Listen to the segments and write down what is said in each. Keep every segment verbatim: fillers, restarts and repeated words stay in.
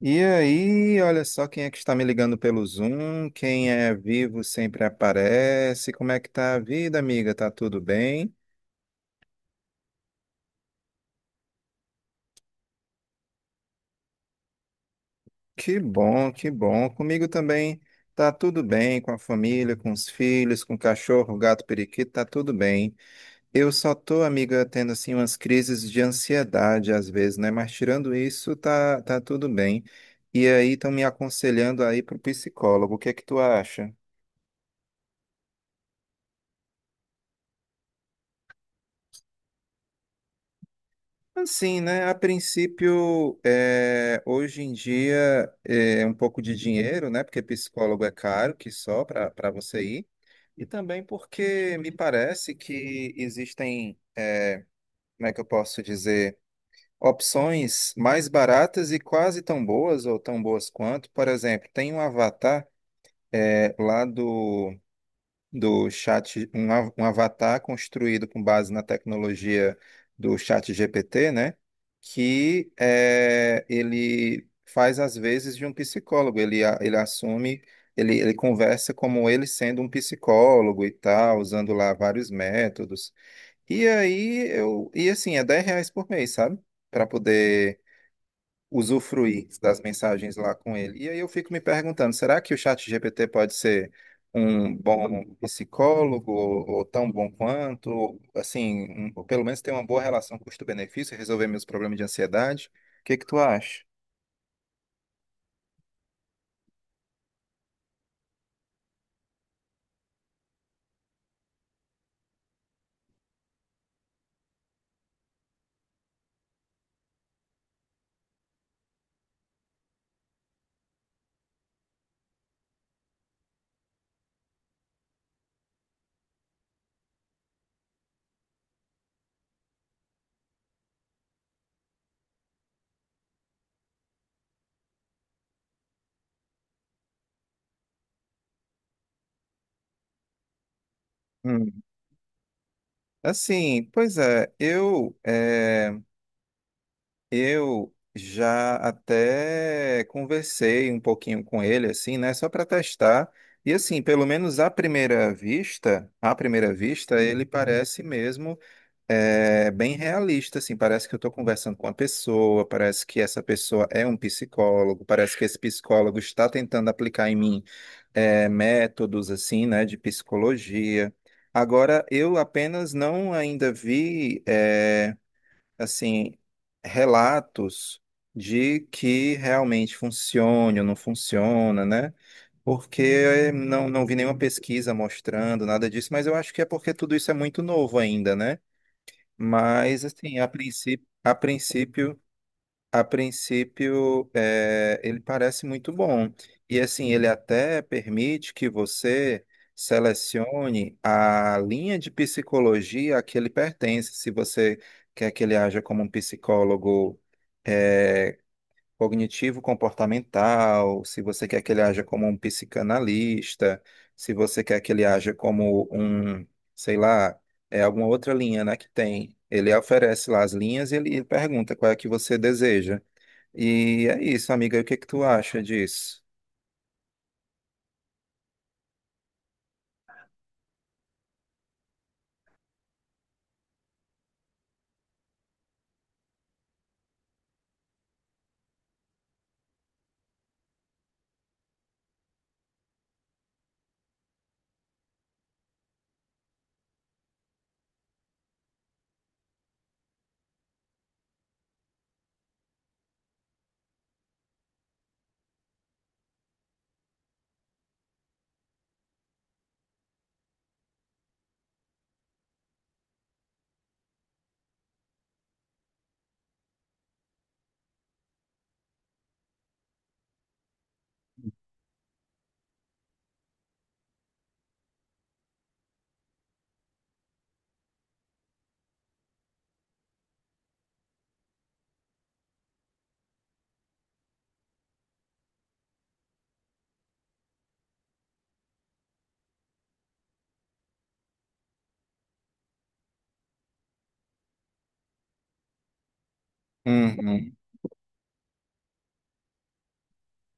E aí, olha só quem é que está me ligando pelo Zoom. Quem é vivo sempre aparece. Como é que tá a vida, amiga? Tá tudo bem? Que bom, que bom. Comigo também tá tudo bem, com a família, com os filhos, com o cachorro, o gato, o periquito, tá tudo bem. Eu só tô, amiga, tendo assim umas crises de ansiedade às vezes, né? Mas tirando isso, tá tá tudo bem. E aí estão me aconselhando aí pro psicólogo. O que é que tu acha? Assim, né? A princípio, é, hoje em dia, eh, é um pouco de dinheiro, né? Porque psicólogo é caro, que só para para você ir. E também porque me parece que existem, é, como é que eu posso dizer, opções mais baratas e quase tão boas ou tão boas quanto. Por exemplo, tem um avatar, é, lá do do chat, um, a- um avatar construído com base na tecnologia do chat G P T, né? Que é, ele faz às vezes de um psicólogo, ele, a- ele assume, ele, ele conversa como ele sendo um psicólogo e tal, usando lá vários métodos. E aí eu, e assim, é dez reais por mês, sabe? Para poder usufruir das mensagens lá com ele. E aí eu fico me perguntando, será que o chat ChatGPT pode ser um bom psicólogo ou, ou tão bom quanto, ou, assim, um- ou pelo menos ter uma boa relação custo-benefício, resolver meus problemas de ansiedade? O que que tu acha? Hum. Assim, pois é, eu eh, eu já até conversei um pouquinho com ele, assim, né? Só para testar. E assim, pelo menos à primeira vista, à primeira vista, ele parece mesmo é, bem realista, assim. Parece que eu estou conversando com uma pessoa, parece que essa pessoa é um psicólogo, parece que esse psicólogo está tentando aplicar em mim é, métodos, assim, né, de psicologia. Agora, eu apenas não ainda vi. É, assim, relatos de que realmente funciona ou não funciona, né? Porque não, não vi nenhuma pesquisa mostrando nada disso, mas eu acho que é porque tudo isso é muito novo ainda, né? Mas, assim, a princípio, a princípio a princípio, é, ele parece muito bom. E assim, ele até permite que você selecione a linha de psicologia a que ele pertence, se você quer que ele haja como um psicólogo é, cognitivo-comportamental, se você quer que ele haja como um psicanalista, se você quer que ele haja como um, sei lá, é alguma outra linha, né, que tem. Ele oferece lá as linhas e ele ele pergunta qual é que você deseja. E é isso, amiga. O que que tu acha disso? Uhum.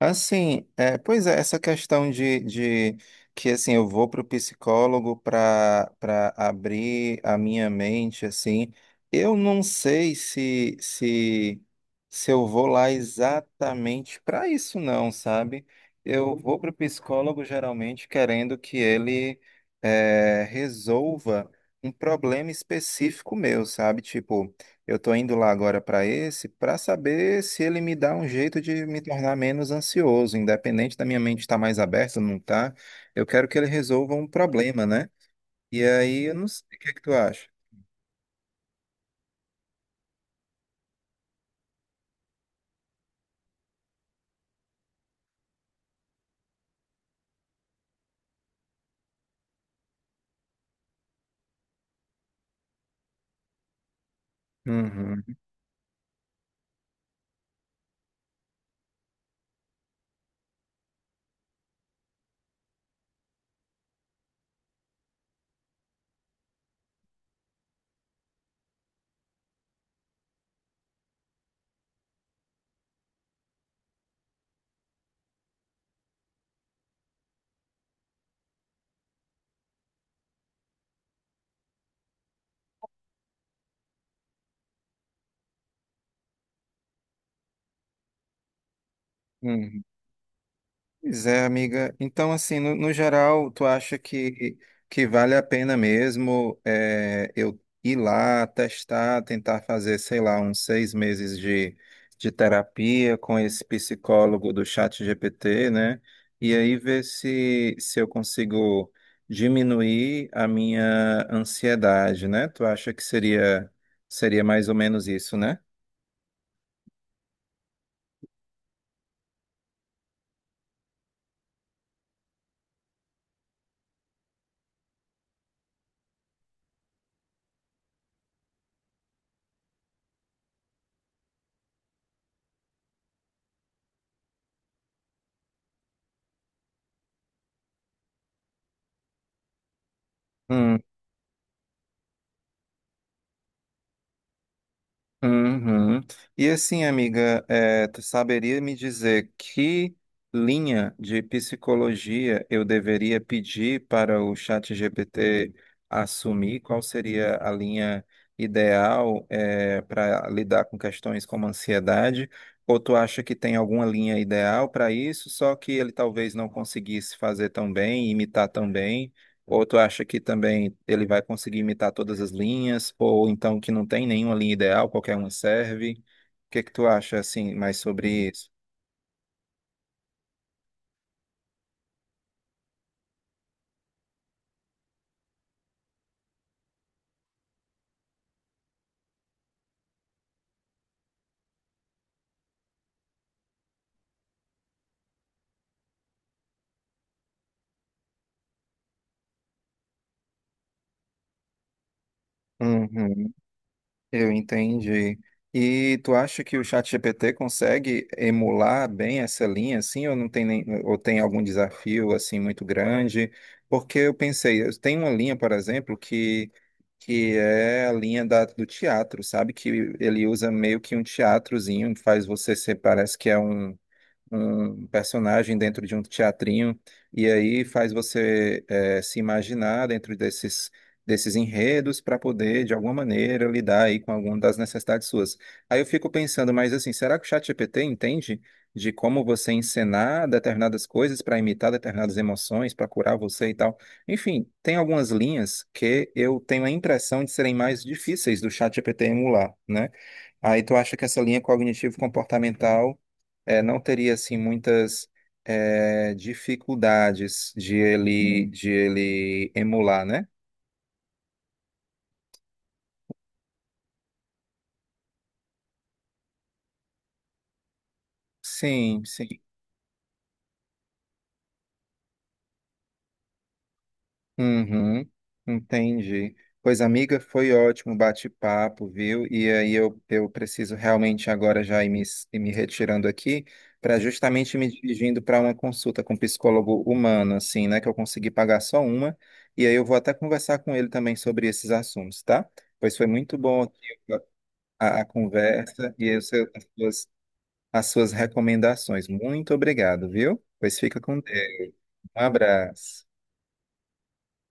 Assim, é, pois é, essa questão de, de que assim eu vou para o psicólogo para para abrir a minha mente, assim, eu não sei se se se eu vou lá exatamente para isso não, sabe? Eu vou para o psicólogo geralmente querendo que ele é, resolva um problema específico meu, sabe? Tipo eu tô indo lá agora para esse para saber se ele me dá um jeito de me tornar menos ansioso, independente da minha mente estar mais aberta ou não tá. Eu quero que ele resolva um problema, né? E aí eu não sei o que é que tu acha. Uhum. Uhum. Pois é, amiga. Então, assim, no, no geral, tu acha que, que vale a pena mesmo é, eu ir lá, testar, tentar fazer, sei lá, uns seis meses de, de terapia com esse psicólogo do chat G P T, né? E aí ver se, se eu consigo diminuir a minha ansiedade, né? Tu acha que seria, seria mais ou menos isso, né? Hum. Uhum. E assim, amiga, eh, tu saberia me dizer que linha de psicologia eu deveria pedir para o ChatGPT assumir? Qual seria a linha ideal, eh, para lidar com questões como ansiedade? Ou tu acha que tem alguma linha ideal para isso, só que ele talvez não conseguisse fazer tão bem, imitar tão bem? Ou tu acha que também ele vai conseguir imitar todas as linhas, ou então que não tem nenhuma linha ideal, qualquer uma serve? O que que tu acha assim mais sobre isso? Uhum, eu entendi. E tu acha que o ChatGPT consegue emular bem essa linha, assim, ou não tem nem, ou tem algum desafio assim muito grande? Porque eu pensei, eu tenho uma linha, por exemplo, que que é a linha da, do teatro, sabe? Que ele usa meio que um teatrozinho, faz você ser, parece que é um um personagem dentro de um teatrinho, e aí faz você eh, se imaginar dentro desses, desses enredos para poder, de alguma maneira, lidar aí com alguma das necessidades suas. Aí eu fico pensando, mas assim, será que o ChatGPT entende de como você encenar determinadas coisas para imitar determinadas emoções, para curar você e tal? Enfim, tem algumas linhas que eu tenho a impressão de serem mais difíceis do ChatGPT emular, né? Aí tu acha que essa linha cognitivo-comportamental é, não teria assim muitas é, dificuldades de ele de ele emular, né? Sim, sim. Uhum, entendi. Pois, amiga, foi ótimo o bate-papo, viu? E aí eu, eu preciso realmente agora já ir me, ir me retirando aqui para justamente me dirigindo para uma consulta com um psicólogo humano, assim, né? Que eu consegui pagar só uma. E aí eu vou até conversar com ele também sobre esses assuntos, tá? Pois foi muito bom aqui a, a conversa e os seus- as suas, as suas recomendações. Muito obrigado, viu? Pois fica com Deus. Um abraço.